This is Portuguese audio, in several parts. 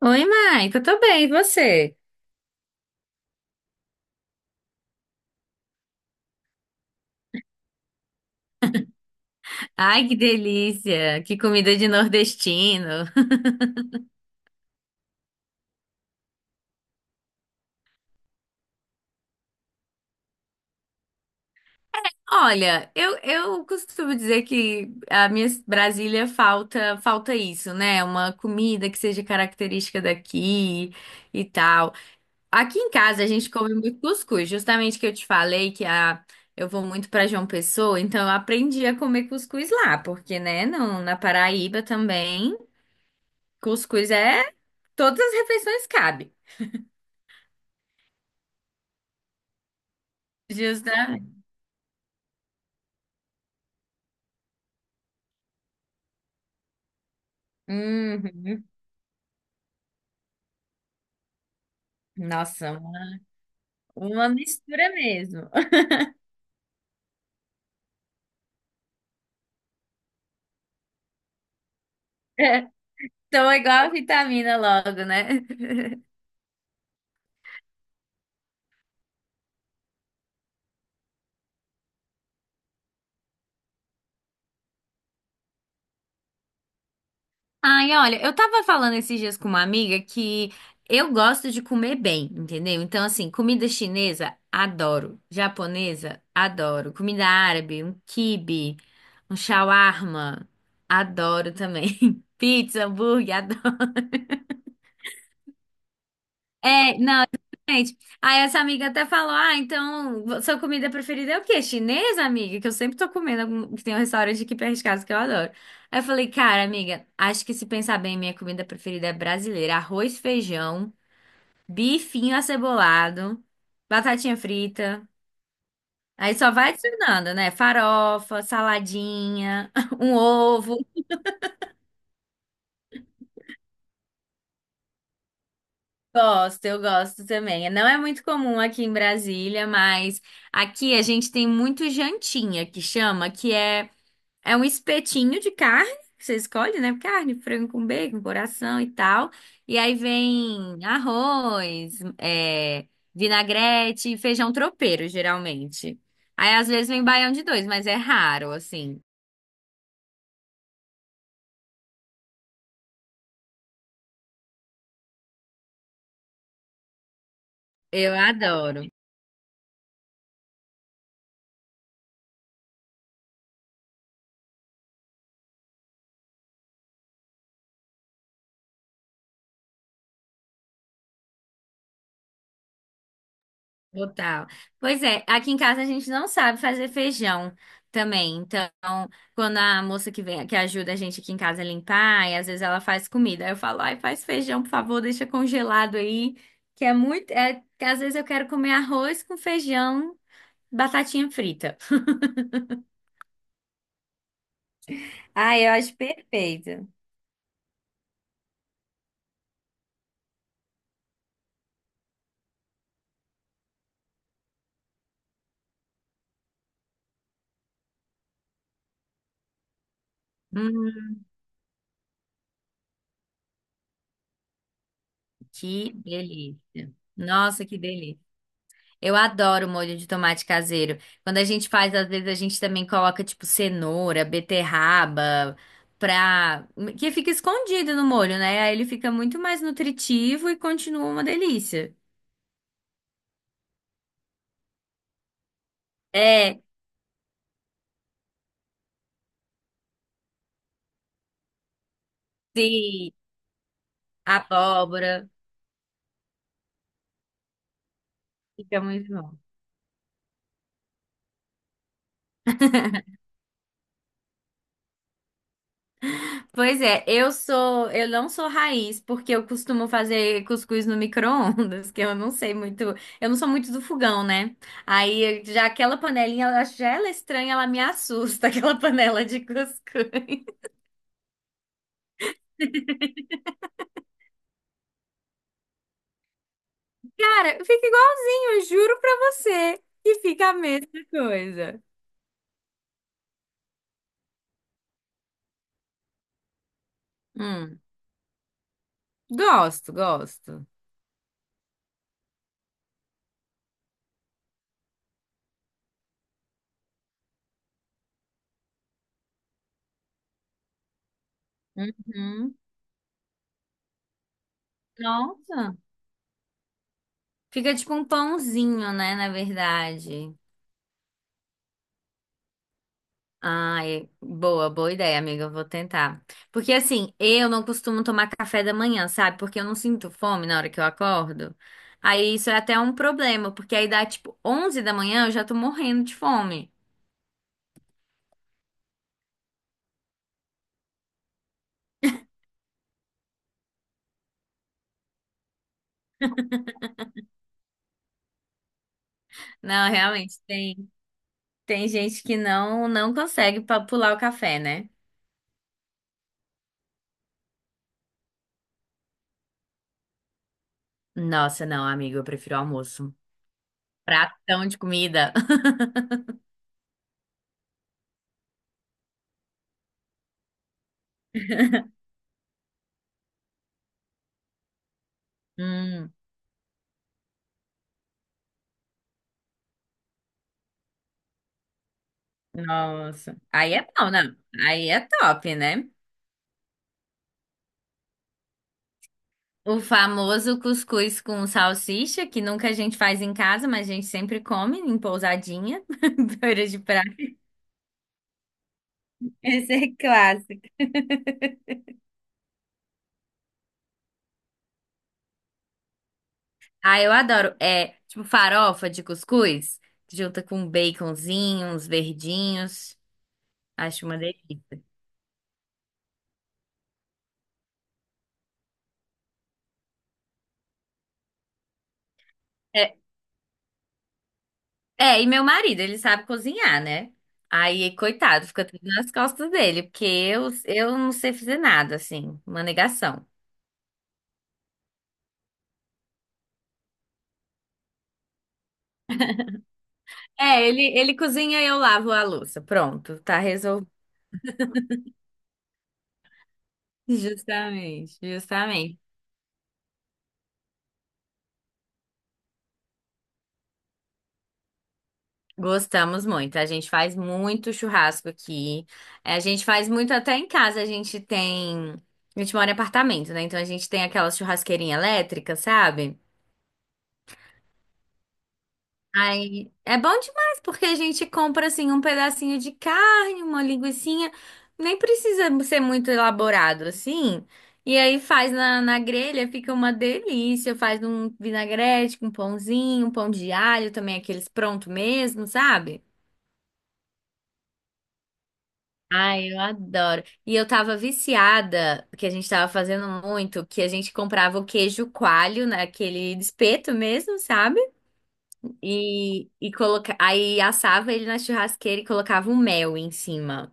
Oi, Maico, eu tô bem, e você? Ai, que delícia! Que comida de nordestino! Olha, eu costumo dizer que a minha Brasília falta isso, né? Uma comida que seja característica daqui e tal. Aqui em casa a gente come muito cuscuz, justamente que eu te falei que a, eu vou muito para João Pessoa, então eu aprendi a comer cuscuz lá, porque, né, não, na Paraíba também, cuscuz é todas as refeições cabe. Justa. Uhum. Nossa, uma mistura mesmo. Então é igual a vitamina logo, né? Ai, olha, eu tava falando esses dias com uma amiga que eu gosto de comer bem, entendeu? Então, assim, comida chinesa, adoro. Japonesa, adoro. Comida árabe, um quibe, um shawarma, adoro também. Pizza, hambúrguer, adoro. É, não. Gente, aí essa amiga até falou: Ah, então sua comida preferida é o quê? Chinesa, amiga? Que eu sempre tô comendo, algum- que tem um restaurante aqui perto de casa que eu adoro. Aí eu falei: Cara, amiga, acho que se pensar bem, minha comida preferida é brasileira: arroz, feijão, bifinho acebolado, batatinha frita. Aí só vai adicionando, né? Farofa, saladinha, um ovo. Gosto, eu gosto também. Não é muito comum aqui em Brasília, mas aqui a gente tem muito jantinha que chama, que é. É um espetinho de carne, que você escolhe, né? Carne, frango com bacon, coração e tal. E aí vem arroz, é, vinagrete e feijão tropeiro, geralmente. Aí às vezes vem baião de dois, mas é raro, assim. Eu adoro. Total. Pois é, aqui em casa a gente não sabe fazer feijão também. Então, quando a moça que vem, que ajuda a gente aqui em casa a limpar, e às vezes ela faz comida, aí eu falo, ai, faz feijão, por favor, deixa congelado aí, que é muito, é, que às vezes eu quero comer arroz com feijão, batatinha frita. Ai, eu acho perfeito. Hum, que delícia. Nossa, que delícia. Eu adoro molho de tomate caseiro. Quando a gente faz, às vezes a gente também coloca tipo cenoura, beterraba, pra... que fica escondido no molho, né? Aí ele fica muito mais nutritivo e continua uma delícia. É, sim, abóbora. Fica muito bom. Pois é, eu sou, eu não sou raiz, porque eu costumo fazer cuscuz no micro-ondas, que eu não sei muito, eu não sou muito do fogão, né? Aí já aquela panelinha, eu acho já ela é estranha, ela me assusta, aquela panela de cuscuz. Cara, fica igualzinho, eu juro pra você que fica a mesma coisa. Hum, gosto, gosto. Uhum. Nossa, fica tipo um pãozinho, né, na verdade. Ah, é- boa, boa ideia, amiga. Eu vou tentar. Porque assim, eu não costumo tomar café da manhã, sabe? Porque eu não sinto fome na hora que eu acordo. Aí isso é até um problema, porque aí dá tipo 11 da manhã, eu já tô morrendo de fome. Não, realmente, tem, tem gente que não consegue pular o café, né? Nossa, não, amiga, eu prefiro almoço. Pratão de comida. Hum, nossa. Aí é bom, não. Aí é top, né? O famoso cuscuz com salsicha, que nunca a gente faz em casa, mas a gente sempre come em pousadinha, beira de praia. Esse é clássico. Ah, eu adoro. É, tipo farofa de cuscuz, junta com um baconzinho, uns verdinhos. Acho uma delícia. É, é, e meu marido, ele sabe cozinhar, né? Aí, coitado, fica tudo nas costas dele, porque eu não sei fazer nada, assim, uma negação. É, ele cozinha e eu lavo a louça. Pronto, tá Justamente, justamente. Gostamos muito. A gente faz muito churrasco aqui. É, a gente faz muito até em casa. A gente tem. A gente mora em apartamento, né? Então a gente tem aquela churrasqueirinha elétrica, sabe? Aí é bom demais, porque a gente compra assim um pedacinho de carne, uma linguiçinha. Nem precisa ser muito elaborado assim. E aí faz na grelha, fica uma delícia. Faz um vinagrete com pãozinho, um pão de alho também, aqueles pronto mesmo, sabe? Ai, eu adoro. E eu tava viciada, que a gente tava fazendo muito, que a gente comprava o queijo coalho naquele espeto mesmo, sabe? E coloca... aí assava ele na churrasqueira e colocava o mel em cima.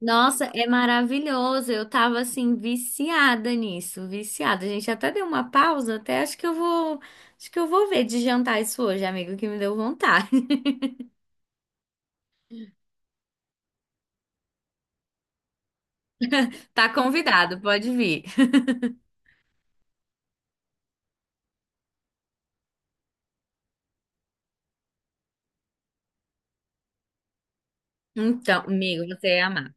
Nossa, é maravilhoso. Eu tava assim viciada nisso, viciada. A gente até deu uma pausa, até acho que eu vou, acho que eu vou ver de jantar isso hoje, amigo, que me deu vontade. Tá convidado, pode vir. Então, amigo, você é amado.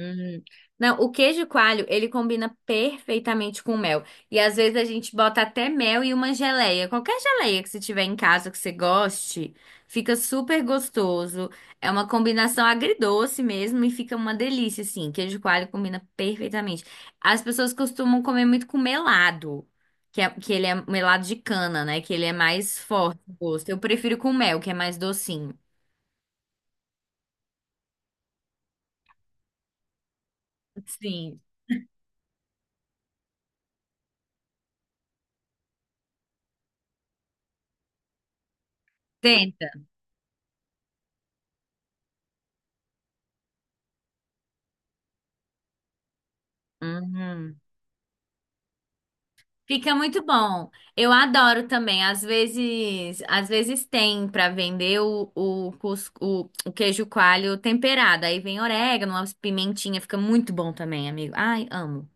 Uhum. Não, o queijo coalho, ele combina perfeitamente com mel. E às vezes a gente bota até mel e uma geleia. Qualquer geleia que você tiver em casa que você goste, fica super gostoso. É uma combinação agridoce mesmo e fica uma delícia, assim. Queijo coalho combina perfeitamente. As pessoas costumam comer muito com melado, que, é, que ele é melado de cana, né? Que ele é mais forte o gosto. Eu prefiro com mel, que é mais docinho. Sim, tenta. Uhum. Fica muito bom. Eu adoro também. Às vezes tem para vender o, cus- o queijo coalho temperado. Aí vem orégano, umas pimentinhas, fica muito bom também, amigo. Ai, amo.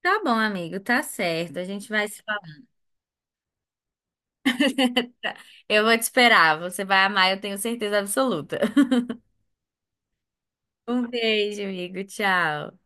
Tá bom, amigo, tá certo. A gente vai se falar. Eu vou te esperar. Você vai amar, eu tenho certeza absoluta. Um beijo, amigo. Tchau.